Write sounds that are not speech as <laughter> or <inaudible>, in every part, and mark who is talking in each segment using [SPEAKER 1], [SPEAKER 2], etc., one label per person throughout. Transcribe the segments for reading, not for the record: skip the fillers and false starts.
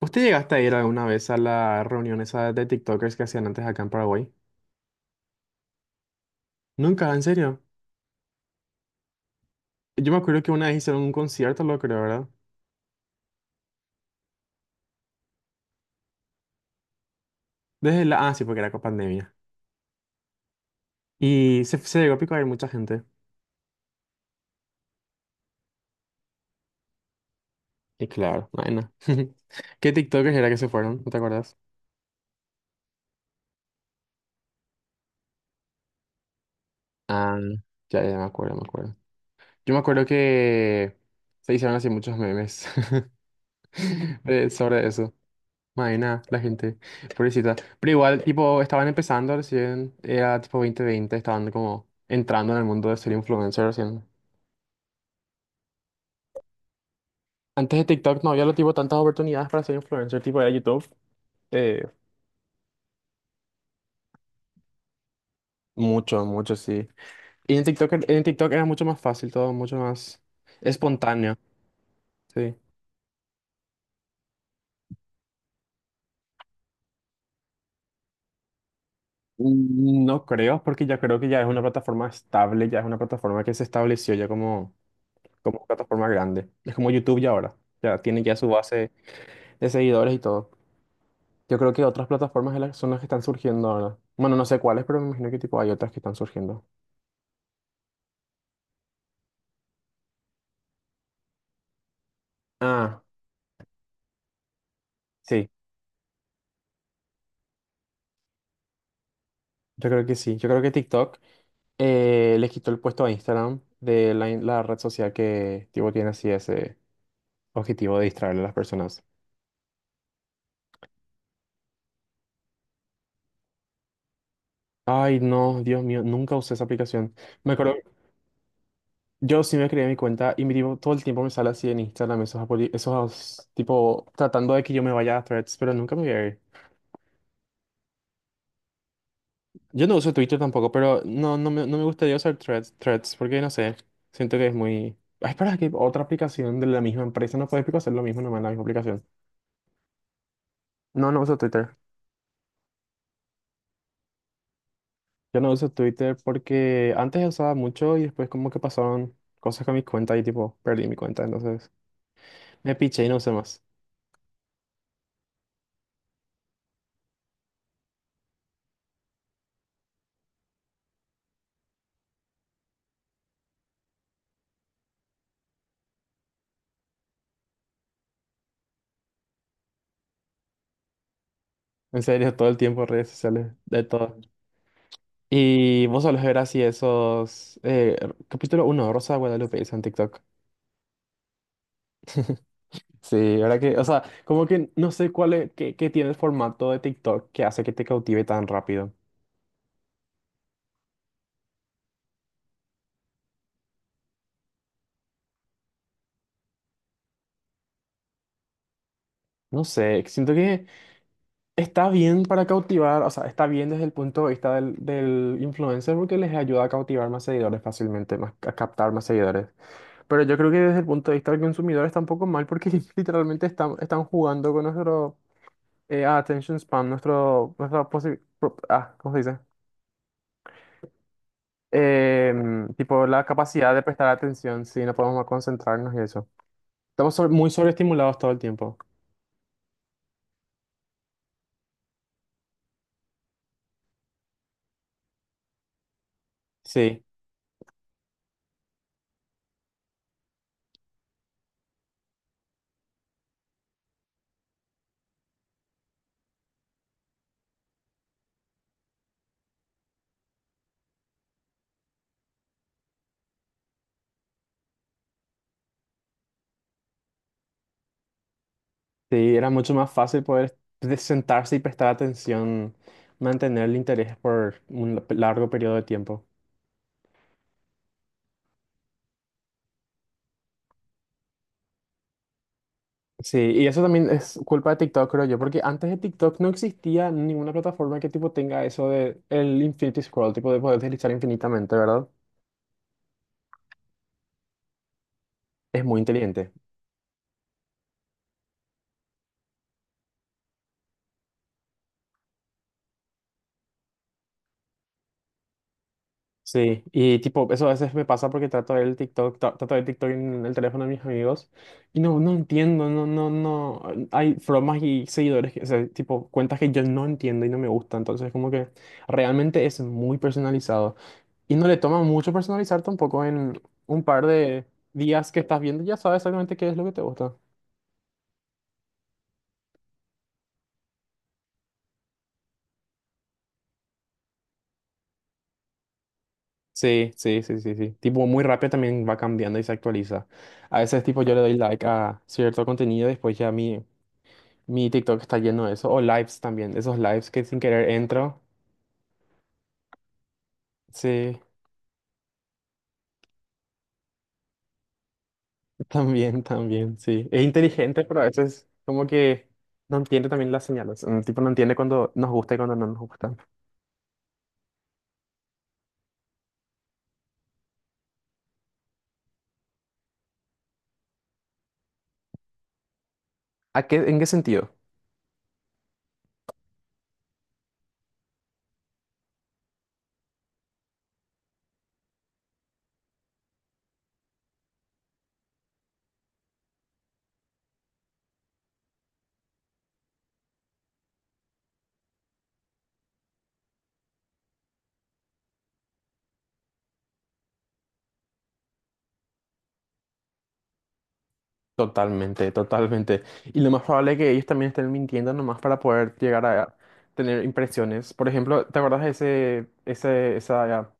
[SPEAKER 1] ¿Usted llegaste a ir alguna vez a la reunión esa de TikTokers que hacían antes acá en Paraguay? Nunca, en serio. Yo me acuerdo que una vez hicieron un concierto, lo creo, ¿verdad? Desde la... Ah, sí, porque era con pandemia. Y se llegó a pico a ir mucha gente. Y claro, bueno. <laughs> ¿Qué TikTokers era que se fueron? ¿No te acuerdas? Ah, ya me acuerdo, me acuerdo. Yo me acuerdo que se hicieron así muchos memes <laughs> sobre eso. Maena, la gente, pobrecita. Pero igual, tipo, estaban empezando recién, era tipo 2020 estaban como entrando en el mundo de ser influencer recién. Antes de TikTok no había lo tipo tantas oportunidades para ser influencer, tipo era YouTube. eh, Mucho, mucho, sí. Y en TikTok, en TikTok era mucho más fácil todo, mucho más espontáneo, sí. Mm, no creo, porque ya creo que ya es una plataforma estable, ya es una plataforma que se estableció ya como, como plataforma grande. Es como YouTube ya ahora, ya tiene ya su base de seguidores y todo. Yo creo que otras plataformas son las que están surgiendo ahora. Bueno, no sé cuáles, pero me imagino que tipo hay otras que están surgiendo. Ah, sí, yo creo que sí. Yo creo que TikTok le quitó el puesto a Instagram de la, la red social que tipo tiene así ese objetivo de distraerle a las personas. Ay, no, Dios mío, nunca usé esa aplicación. Me acuerdo, yo sí me creé mi cuenta y mi tipo, todo el tiempo me sale así en Instagram esos, esos tipo tratando de que yo me vaya a Threads, pero nunca me voy a ir. Yo no uso Twitter tampoco, pero no, no me gustaría usar Threads, Threads, porque no sé, siento que es muy... Ay, espera, que otra aplicación de la misma empresa no puede hacer lo mismo nomás en la misma aplicación. No, no uso Twitter. Yo no uso Twitter porque antes usaba mucho y después como que pasaron cosas con mi cuenta y tipo perdí mi cuenta, entonces me piché y no usé más. En serio, todo el tiempo redes sociales, de todo. Y vos solés ver así esos... capítulo 1, Rosa de Guadalupe, hizo en TikTok. Sí, verdad que, o sea, como que no sé cuál es, qué, qué tiene el formato de TikTok que hace que te cautive tan rápido. No sé, siento que está bien para cautivar, o sea, está bien desde el punto de vista del, del influencer porque les ayuda a cautivar más seguidores fácilmente, más, a captar más seguidores. Pero yo creo que desde el punto de vista del consumidor está un poco mal porque <laughs> literalmente están, están jugando con nuestro attention span, nuestro, nuestra posi- pro- ah, ¿cómo se dice? Tipo la capacidad de prestar atención, si no podemos concentrarnos y eso. Estamos muy sobreestimulados todo el tiempo. Sí, sí, era mucho más fácil poder sentarse y prestar atención, mantener el interés por un largo periodo de tiempo. Sí, y eso también es culpa de TikTok, creo yo, porque antes de TikTok no existía ninguna plataforma que tipo tenga eso de el infinity scroll, tipo de poder deslizar infinitamente, ¿verdad? Es muy inteligente. Sí, y tipo, eso a veces me pasa porque trato de ver el TikTok, trato de ver TikTok en el teléfono de mis amigos y no, no entiendo, no, no, no, hay bromas y seguidores, o sea, tipo, cuentas que yo no entiendo y no me gusta, entonces como que realmente es muy personalizado y no le toma mucho personalizar tampoco en un par de días que estás viendo, ya sabes exactamente qué es lo que te gusta. Sí, sí, sí, sí, sí. Tipo, muy rápido también va cambiando y se actualiza. A veces, tipo, yo le doy like a cierto contenido y después ya a mí. Mi TikTok está lleno de eso. O lives también. Esos lives que sin querer entro. Sí, <laughs> también, también, sí. Es inteligente, pero a veces como que no entiende también las señales. Mm, tipo, no entiende cuando nos gusta y cuando no nos gusta. ¿A qué, en qué sentido? Totalmente, totalmente. Y lo más probable es que ellos también estén mintiendo nomás para poder llegar a tener impresiones. Por ejemplo, ¿te acuerdas de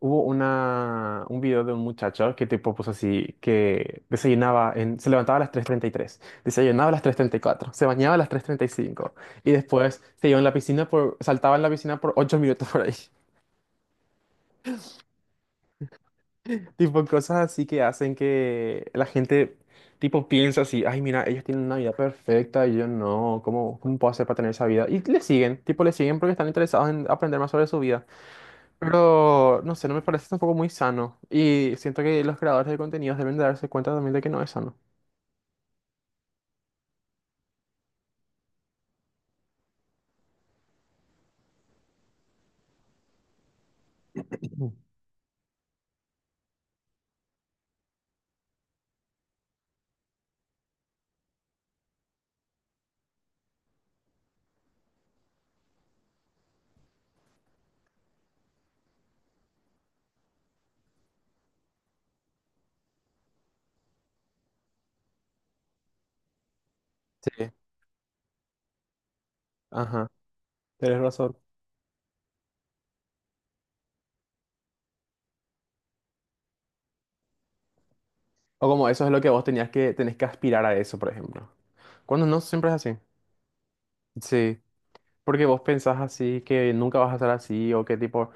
[SPEAKER 1] hubo una, un video de un muchacho que tipo puso así, que desayunaba en, se levantaba a las 3:33 desayunaba a las 3:34 se bañaba a las 3:35 y después se iba en la piscina por, saltaba en la piscina por 8 minutos por ahí. Tipo cosas así que hacen que la gente, tipo, piensa así, ay, mira, ellos tienen una vida perfecta y yo no, ¿cómo, cómo puedo hacer para tener esa vida? Y le siguen, tipo, le siguen porque están interesados en aprender más sobre su vida. Pero, no sé, no me parece tampoco muy sano. Y siento que los creadores de contenidos deben de darse cuenta también de que no es sano. Sí, ajá, tienes razón. O como eso es lo que tenés que aspirar a eso, por ejemplo. Cuando no, siempre es así. Sí, porque vos pensás así, que nunca vas a ser así, o que tipo...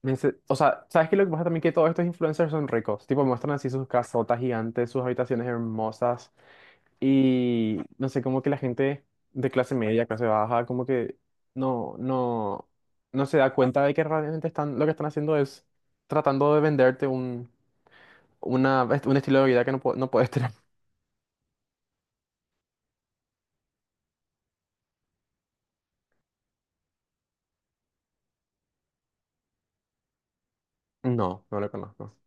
[SPEAKER 1] Me dice- O sea, ¿sabes qué? Lo que pasa también que todos estos influencers son ricos. Tipo, muestran así sus casotas gigantes, sus habitaciones hermosas. Y no sé, como que la gente de clase media, clase baja, como que no, no, no se da cuenta de que realmente están, lo que están haciendo es tratando de venderte un estilo de vida que no, no puedes tener. <laughs> No, no lo conozco.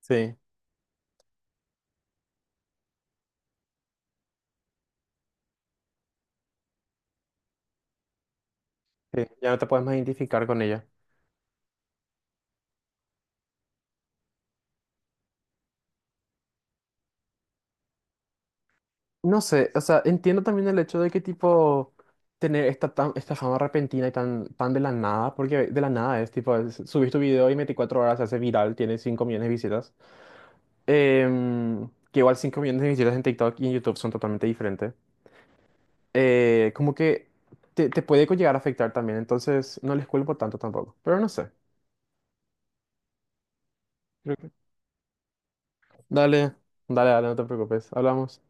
[SPEAKER 1] Sí, sí, ya no te puedes más identificar con ella. No sé, o sea, entiendo también el hecho de que tipo tener esta, tan, esta fama repentina y tan, tan de la nada, porque de la nada es tipo, subís tu video y en 24 horas se hace viral, tiene 5 millones de visitas. Em, que igual 5 millones de visitas en TikTok y en YouTube son totalmente diferentes. Como que te puede llegar a afectar también, entonces no les culpo tanto tampoco, pero no sé. Creo que- Dale, dale, no te preocupes, hablamos.